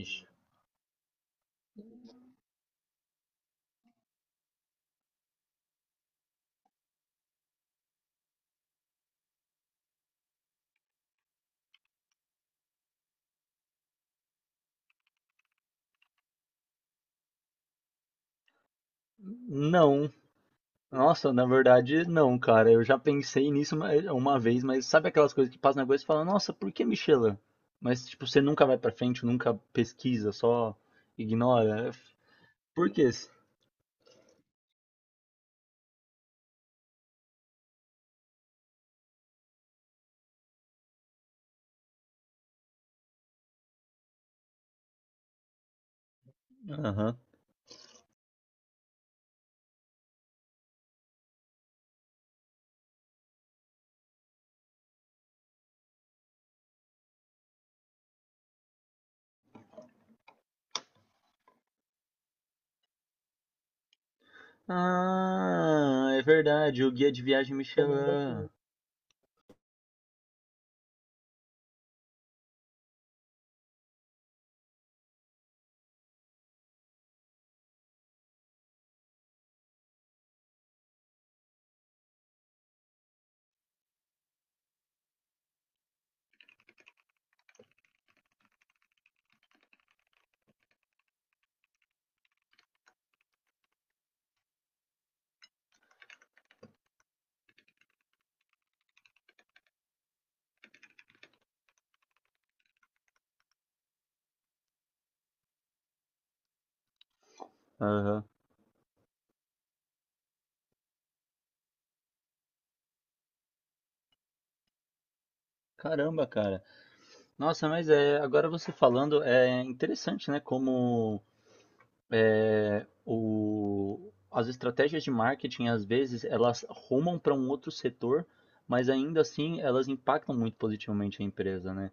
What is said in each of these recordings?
Ixi. Não. Nossa, na verdade, não, cara. Eu já pensei nisso uma vez, mas sabe aquelas coisas que passam na cabeça e fala, nossa, por que Michelin? Mas, tipo, você nunca vai pra frente, nunca pesquisa, só ignora. É, por quê? Aham. Ah, é verdade, o guia de viagem Michelin. Aham. Caramba, cara. Nossa, mas é, agora você falando, é interessante, né? Como as estratégias de marketing, às vezes, elas rumam para um outro setor, mas ainda assim elas impactam muito positivamente a empresa, né?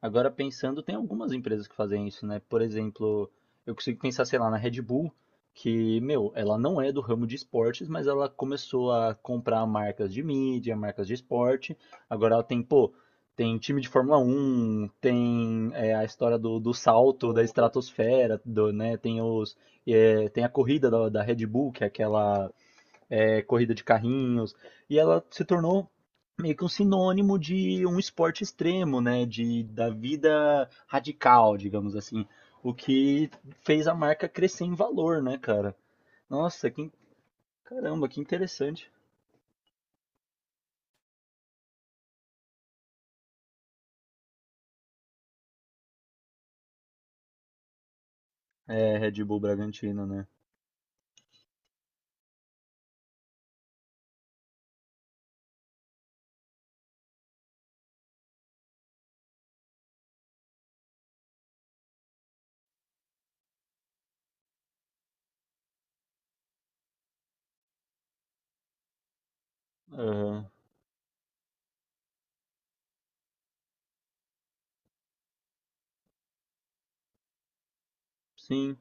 Agora, pensando, tem algumas empresas que fazem isso, né? Por exemplo, eu consigo pensar, sei lá, na Red Bull, que, meu, ela não é do ramo de esportes, mas ela começou a comprar marcas de mídia, marcas de esporte. Agora ela tem, pô, tem time de Fórmula Um, tem a história do salto da estratosfera, do, né? Tem os, é, tem a corrida da Red Bull, que é aquela é, corrida de carrinhos, e ela se tornou meio que um sinônimo de um esporte extremo, né, de, da vida radical, digamos assim, o que fez a marca crescer em valor, né, cara? Nossa, que, caramba, que interessante. É, Red Bull Bragantino, né? Aham, sim.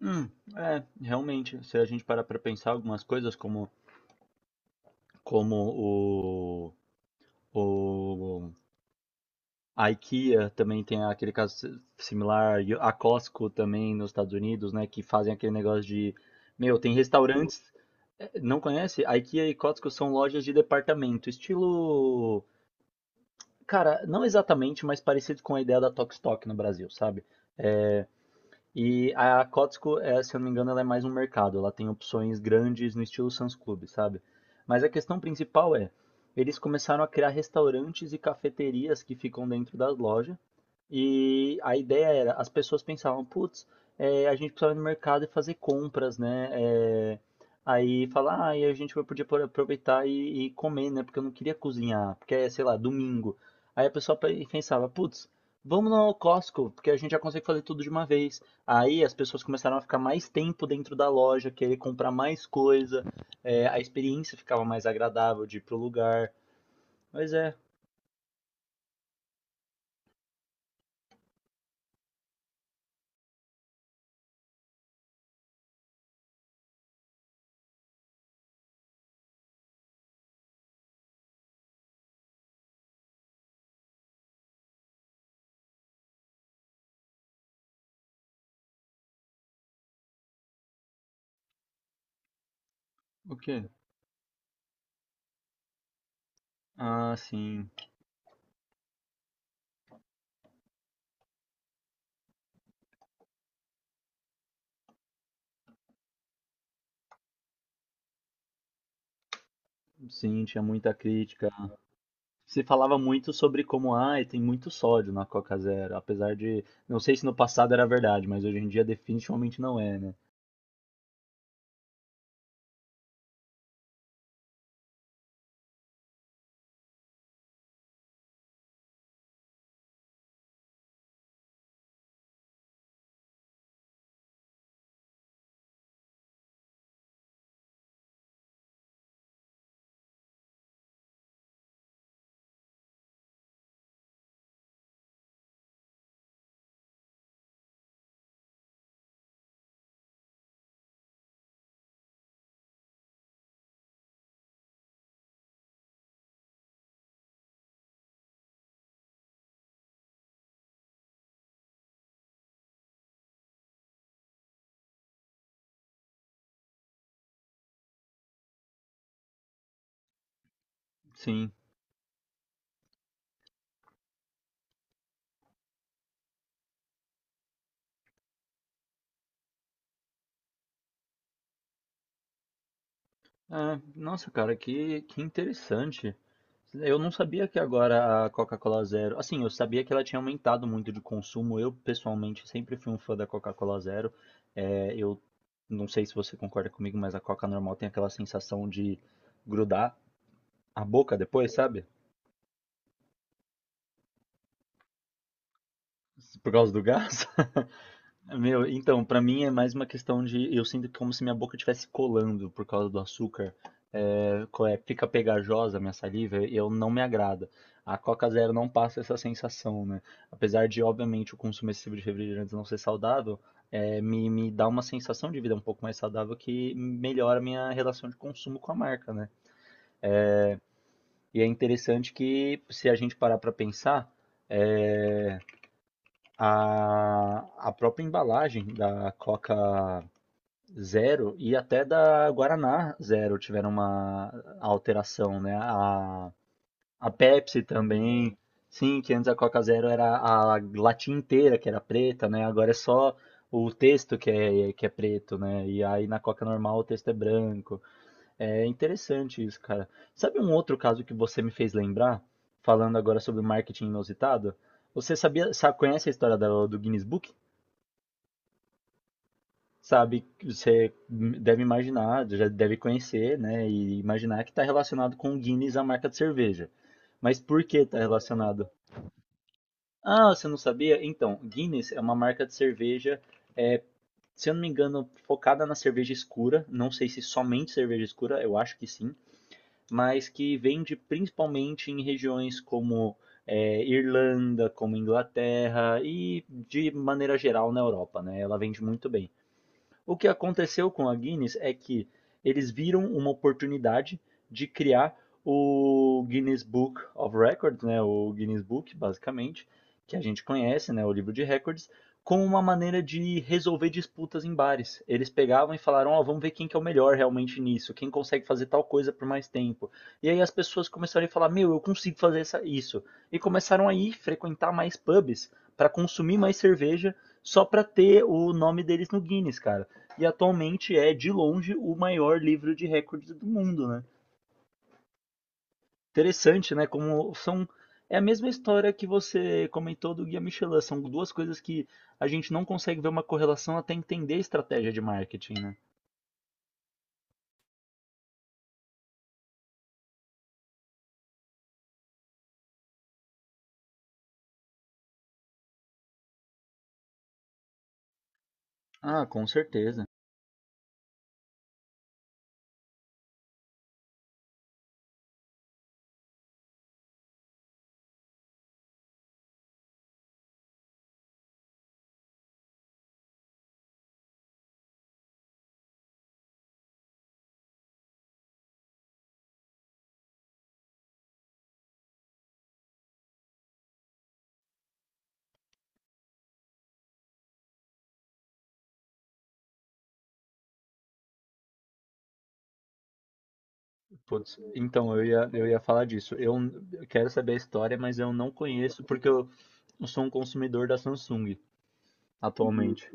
Hum, é, realmente, se a gente parar pra pensar algumas coisas como, como o a IKEA também tem aquele caso similar, e a Costco também nos Estados Unidos, né, que fazem aquele negócio de, meu, tem restaurantes, não conhece? A IKEA e Costco são lojas de departamento, estilo, cara, não exatamente, mas parecido com a ideia da Tok Stock no Brasil, sabe? É, e a Kotsko, é, se eu não me engano, ela é mais um mercado. Ela tem opções grandes no estilo Sam's Club, sabe? Mas a questão principal é, eles começaram a criar restaurantes e cafeterias que ficam dentro das lojas. E a ideia era, as pessoas pensavam, putz, é, a gente precisava ir no mercado e fazer compras, né? É, aí falar, ah, e a gente podia aproveitar e comer, né? Porque eu não queria cozinhar, porque é, sei lá, domingo. Aí a pessoa pensava, putz, vamos no Costco, porque a gente já consegue fazer tudo de uma vez. Aí as pessoas começaram a ficar mais tempo dentro da loja, querer comprar mais coisa, é, a experiência ficava mais agradável de ir pro lugar. Mas é, o quê? Ah, sim, sim, tinha muita crítica. Se falava muito sobre como, ai, tem muito sódio na Coca Zero, apesar de, não sei se no passado era verdade, mas hoje em dia definitivamente não é, né? Sim. É, nossa, cara, que interessante. Eu não sabia que agora a Coca-Cola Zero. Assim, eu sabia que ela tinha aumentado muito de consumo. Eu, pessoalmente, sempre fui um fã da Coca-Cola Zero. É, eu não sei se você concorda comigo, mas a Coca normal tem aquela sensação de grudar a boca depois, sabe? Por causa do gás. Meu, então, pra mim é mais uma questão de. Eu sinto como se minha boca estivesse colando por causa do açúcar. É, qual é, fica pegajosa a minha saliva e eu não me agrada. A Coca Zero não passa essa sensação, né? Apesar de, obviamente, o consumo excessivo de refrigerantes não ser saudável, é, me dá uma sensação de vida um pouco mais saudável que melhora a minha relação de consumo com a marca, né? E é interessante que, se a gente parar pra pensar, é, a, a própria embalagem da Coca Zero e até da Guaraná Zero tiveram uma alteração, né? A Pepsi também. Sim, que antes a Coca Zero era a latinha inteira que era preta, né? Agora é só o texto que é preto, né? E aí na Coca normal o texto é branco. É interessante isso, cara. Sabe um outro caso que você me fez lembrar? Falando agora sobre marketing inusitado? Você sabia, sabe, conhece a história do Guinness Book? Sabe, você deve imaginar, já deve conhecer, né, e imaginar que está relacionado com Guinness, a marca de cerveja. Mas por que está relacionado? Ah, você não sabia? Então, Guinness é uma marca de cerveja, é, se eu não me engano, focada na cerveja escura. Não sei se somente cerveja escura, eu acho que sim, mas que vende principalmente em regiões como é, Irlanda, como Inglaterra e de maneira geral na Europa, né? Ela vende muito bem. O que aconteceu com a Guinness é que eles viram uma oportunidade de criar o Guinness Book of Records, né, o Guinness Book, basicamente, que a gente conhece, né, o livro de recordes, como uma maneira de resolver disputas em bares. Eles pegavam e falaram, ó, oh, vamos ver quem que é o melhor realmente nisso, quem consegue fazer tal coisa por mais tempo. E aí as pessoas começaram a falar, meu, eu consigo fazer isso. E começaram a ir frequentar mais pubs para consumir mais cerveja só para ter o nome deles no Guinness, cara, e atualmente é, de longe, o maior livro de recordes do mundo, né? Interessante, né? Como são. É a mesma história que você comentou do Guia Michelin. São duas coisas que a gente não consegue ver uma correlação até entender a estratégia de marketing, né? Ah, com certeza. Putz, então, eu ia falar disso. Eu quero saber a história, mas eu não conheço porque eu sou um consumidor da Samsung atualmente.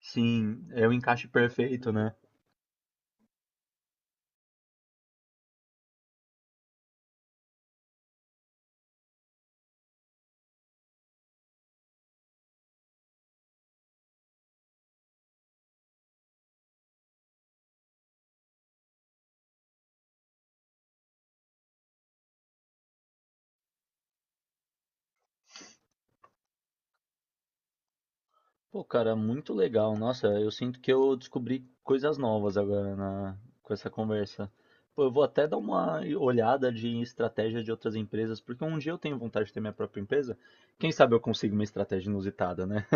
Sim, é o encaixe perfeito, né? Pô, cara, muito legal. Nossa, eu sinto que eu descobri coisas novas agora com essa conversa. Pô, eu vou até dar uma olhada de estratégia de outras empresas, porque um dia eu tenho vontade de ter minha própria empresa. Quem sabe eu consigo uma estratégia inusitada, né?